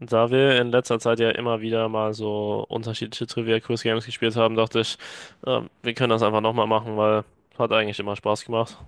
Da wir in letzter Zeit ja immer wieder mal so unterschiedliche Trivia-Quiz-Games gespielt haben, dachte ich, wir können das einfach nochmal machen, weil hat eigentlich immer Spaß gemacht.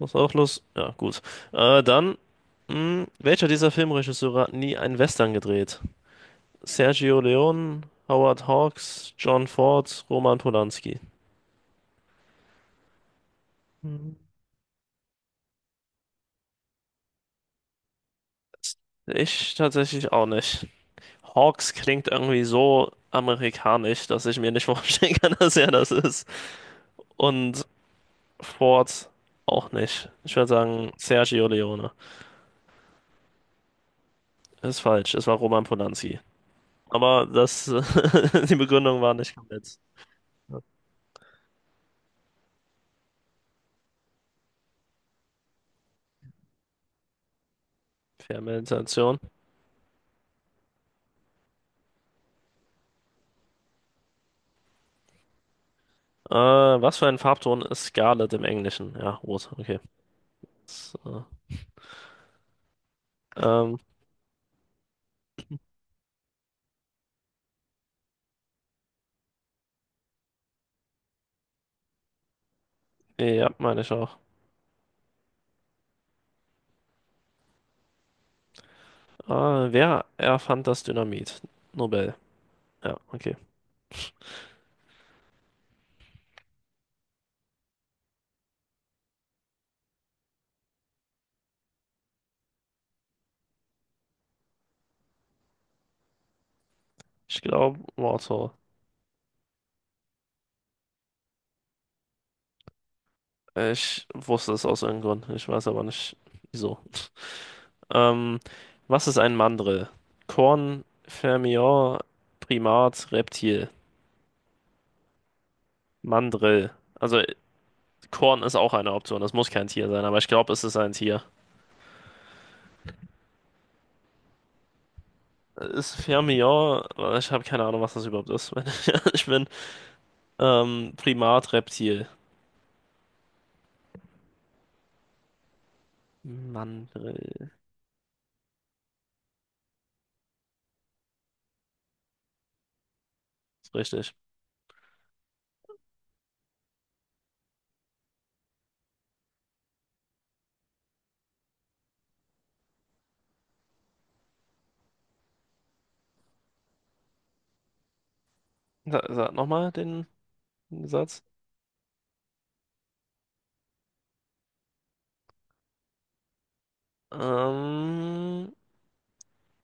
Hast du auch Lust? Ja, gut. Dann, welcher dieser Filmregisseure hat nie einen Western gedreht? Sergio Leone, Howard Hawks, John Ford, Roman Polanski. Ich tatsächlich auch nicht. Hawks klingt irgendwie so amerikanisch, dass ich mir nicht vorstellen kann, dass er das ist. Und Ford auch nicht. Ich würde sagen Sergio Leone. Ist falsch, es war Roman Polanski. Aber das, die Begründung war nicht komplett. Fermentation. Was für ein Farbton ist Scarlet im Englischen? Ja, rot, okay. So. Ähm, ja, meine ich auch. Wer erfand das Dynamit? Nobel. Ja, okay. Ich glaube, Warthol. Ich wusste es aus irgendeinem Grund. Ich weiß aber nicht, wieso. Ähm, Was ist ein Mandrill? Korn, Fermion, Primat, Reptil. Mandrill. Also Korn ist auch eine Option. Das muss kein Tier sein, aber ich glaube, es ist ein Tier. Ist Fermion, ich habe keine Ahnung, was das überhaupt ist, wenn ich ehrlich bin. Primat, Reptil. Mandrill. Ist richtig. Sag nochmal den Satz. Ähm,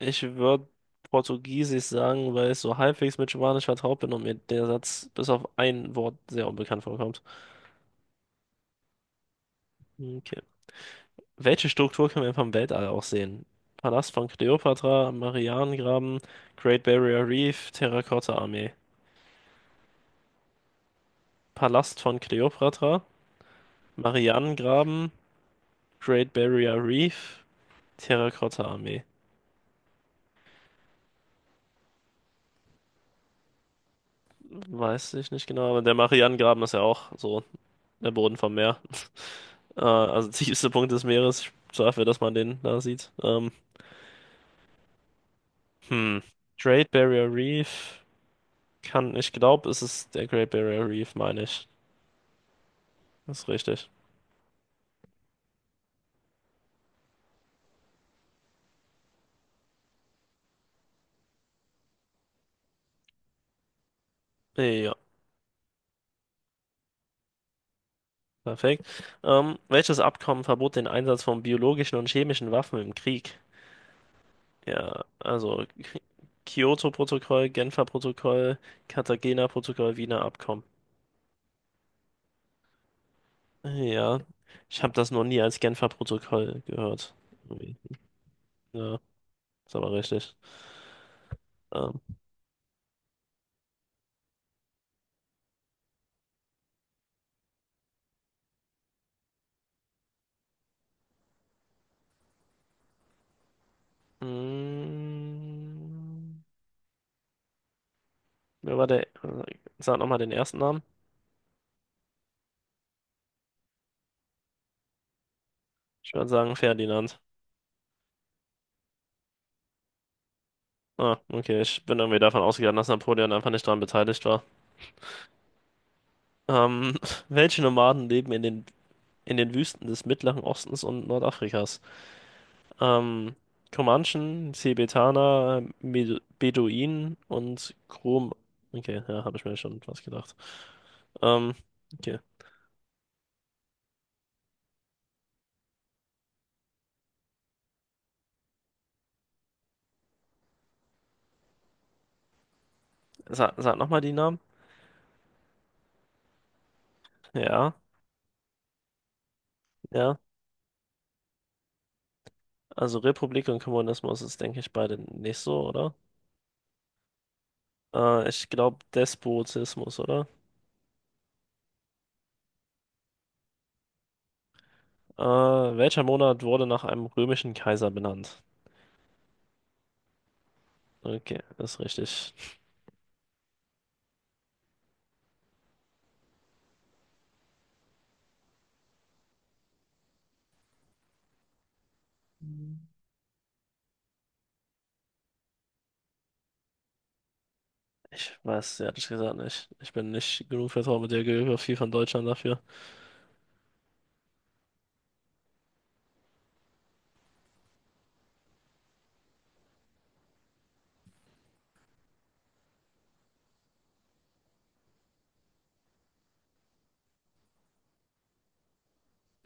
Ich würde Portugiesisch sagen, weil ich so halbwegs mit Spanisch vertraut bin und mir der Satz bis auf ein Wort sehr unbekannt vorkommt. Okay. Welche Struktur können wir vom Weltall aus sehen? Palast von Kleopatra, Marianengraben, Great Barrier Reef, Terrakotta-Armee. Palast von Kleopatra, Marianengraben, Great Barrier Reef, Terrakotta-Armee. Weiß ich nicht genau, aber der Marianengraben ist ja auch so der Boden vom Meer. Also tiefste Punkt des Meeres, dafür, dass man den da sieht. Hm. Great Barrier Reef kann, ich glaube, es ist der Great Barrier Reef, meine ich. Das ist richtig. Ja, perfekt. Welches Abkommen verbot den Einsatz von biologischen und chemischen Waffen im Krieg? Ja, also Kyoto-Protokoll, Genfer Protokoll, Cartagena Protokoll, Wiener Abkommen. Ja, ich habe das noch nie als Genfer Protokoll gehört. Irgendwie. Ja, ist aber richtig. Ähm, Mm, wer war der? Sag nochmal den ersten Namen. Ich würde sagen Ferdinand. Ah, okay. Ich bin irgendwie davon ausgegangen, dass Napoleon einfach nicht daran beteiligt war. Ähm, welche Nomaden leben in in den Wüsten des Mittleren Ostens und Nordafrikas? Ähm, Comanchen, Tibetaner, Med Beduinen und Krom. Okay, ja, habe ich mir schon was gedacht. Ähm, okay. Sag nochmal die Namen. Ja, ja. Also Republik und Kommunismus ist, denke ich, beide nicht so, oder? Ich glaube Despotismus, oder? Welcher Monat wurde nach einem römischen Kaiser benannt? Okay, ist richtig. Hm. Ich weiß, es ehrlich gesagt nicht. Ich bin nicht genug vertraut mit der Geografie von Deutschland dafür.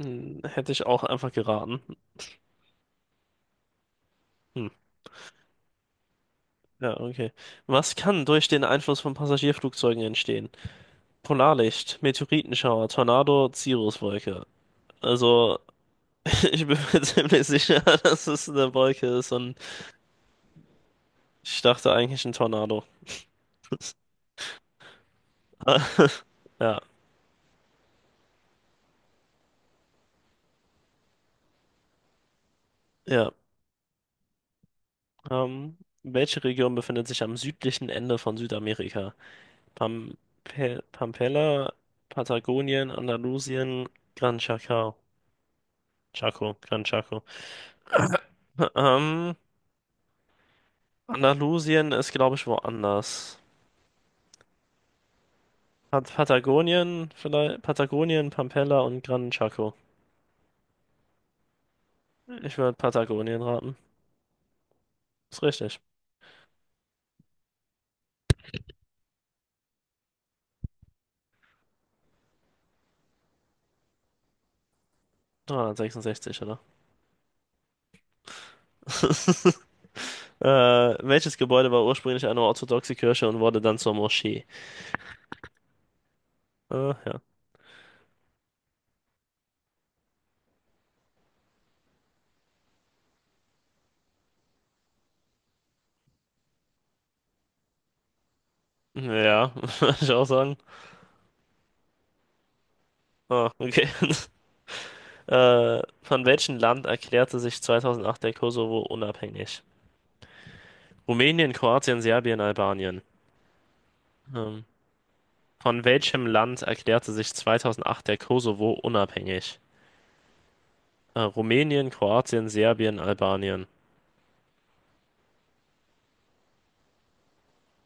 Hm, hätte ich auch einfach geraten. Hm, ja, okay. Was kann durch den Einfluss von Passagierflugzeugen entstehen? Polarlicht, Meteoritenschauer, Tornado, Cirruswolke. Also, ich bin mir ziemlich sicher, dass es eine Wolke ist und ich dachte eigentlich ein Tornado. Ja, ja. Ähm, Welche Region befindet sich am südlichen Ende von Südamerika? Pam Pampella, Patagonien, Andalusien, Gran Chaco. Chaco, Gran Chaco. Ähm, Andalusien ist, glaube ich, woanders. Patagonien, vielleicht Patagonien, Pampella und Gran Chaco. Ich würde Patagonien raten. Ist richtig. 366, oder? Welches Gebäude war ursprünglich eine orthodoxe Kirche und wurde dann zur Moschee? Ja. Ja, würde ich auch sagen. Ah, okay. Von welchem Land erklärte sich 2008 der Kosovo unabhängig? Rumänien, Kroatien, Serbien, Albanien. Ähm, von welchem Land erklärte sich 2008 der Kosovo unabhängig? Rumänien, Kroatien, Serbien, Albanien.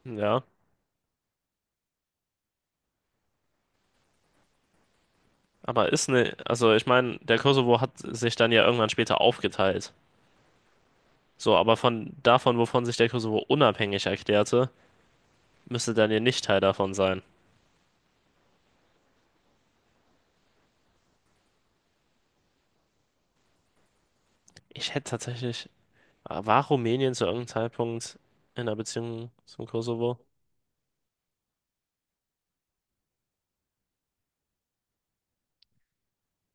Ja, aber ist ne, also ich meine, der Kosovo hat sich dann ja irgendwann später aufgeteilt. So, aber von davon, wovon sich der Kosovo unabhängig erklärte, müsste dann Daniel nicht Teil davon sein. Ich hätte tatsächlich. Ah, war Rumänien zu irgendeinem Zeitpunkt in einer Beziehung zum Kosovo?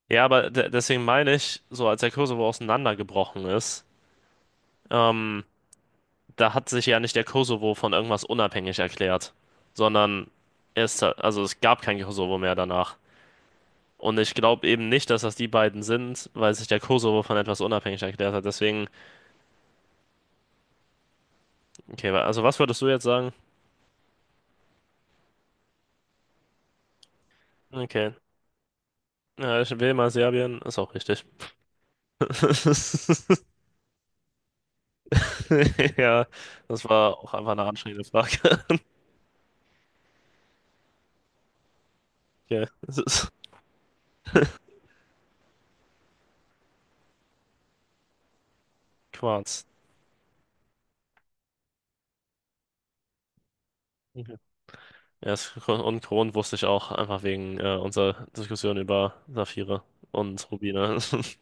Ja, aber de deswegen meine ich, so als der Kosovo auseinandergebrochen ist, ähm, da hat sich ja nicht der Kosovo von irgendwas unabhängig erklärt, sondern es, also es gab kein Kosovo mehr danach. Und ich glaube eben nicht, dass das die beiden sind, weil sich der Kosovo von etwas unabhängig erklärt hat. Deswegen, okay, also was würdest du jetzt sagen? Okay. Ja, ich will mal Serbien, ist auch richtig. Ja, das war auch einfach eine anstrengende Frage. Okay, es ist Quarz. Okay. Ja, es, und Kron wusste ich auch, einfach wegen unserer Diskussion über Saphire und Rubine.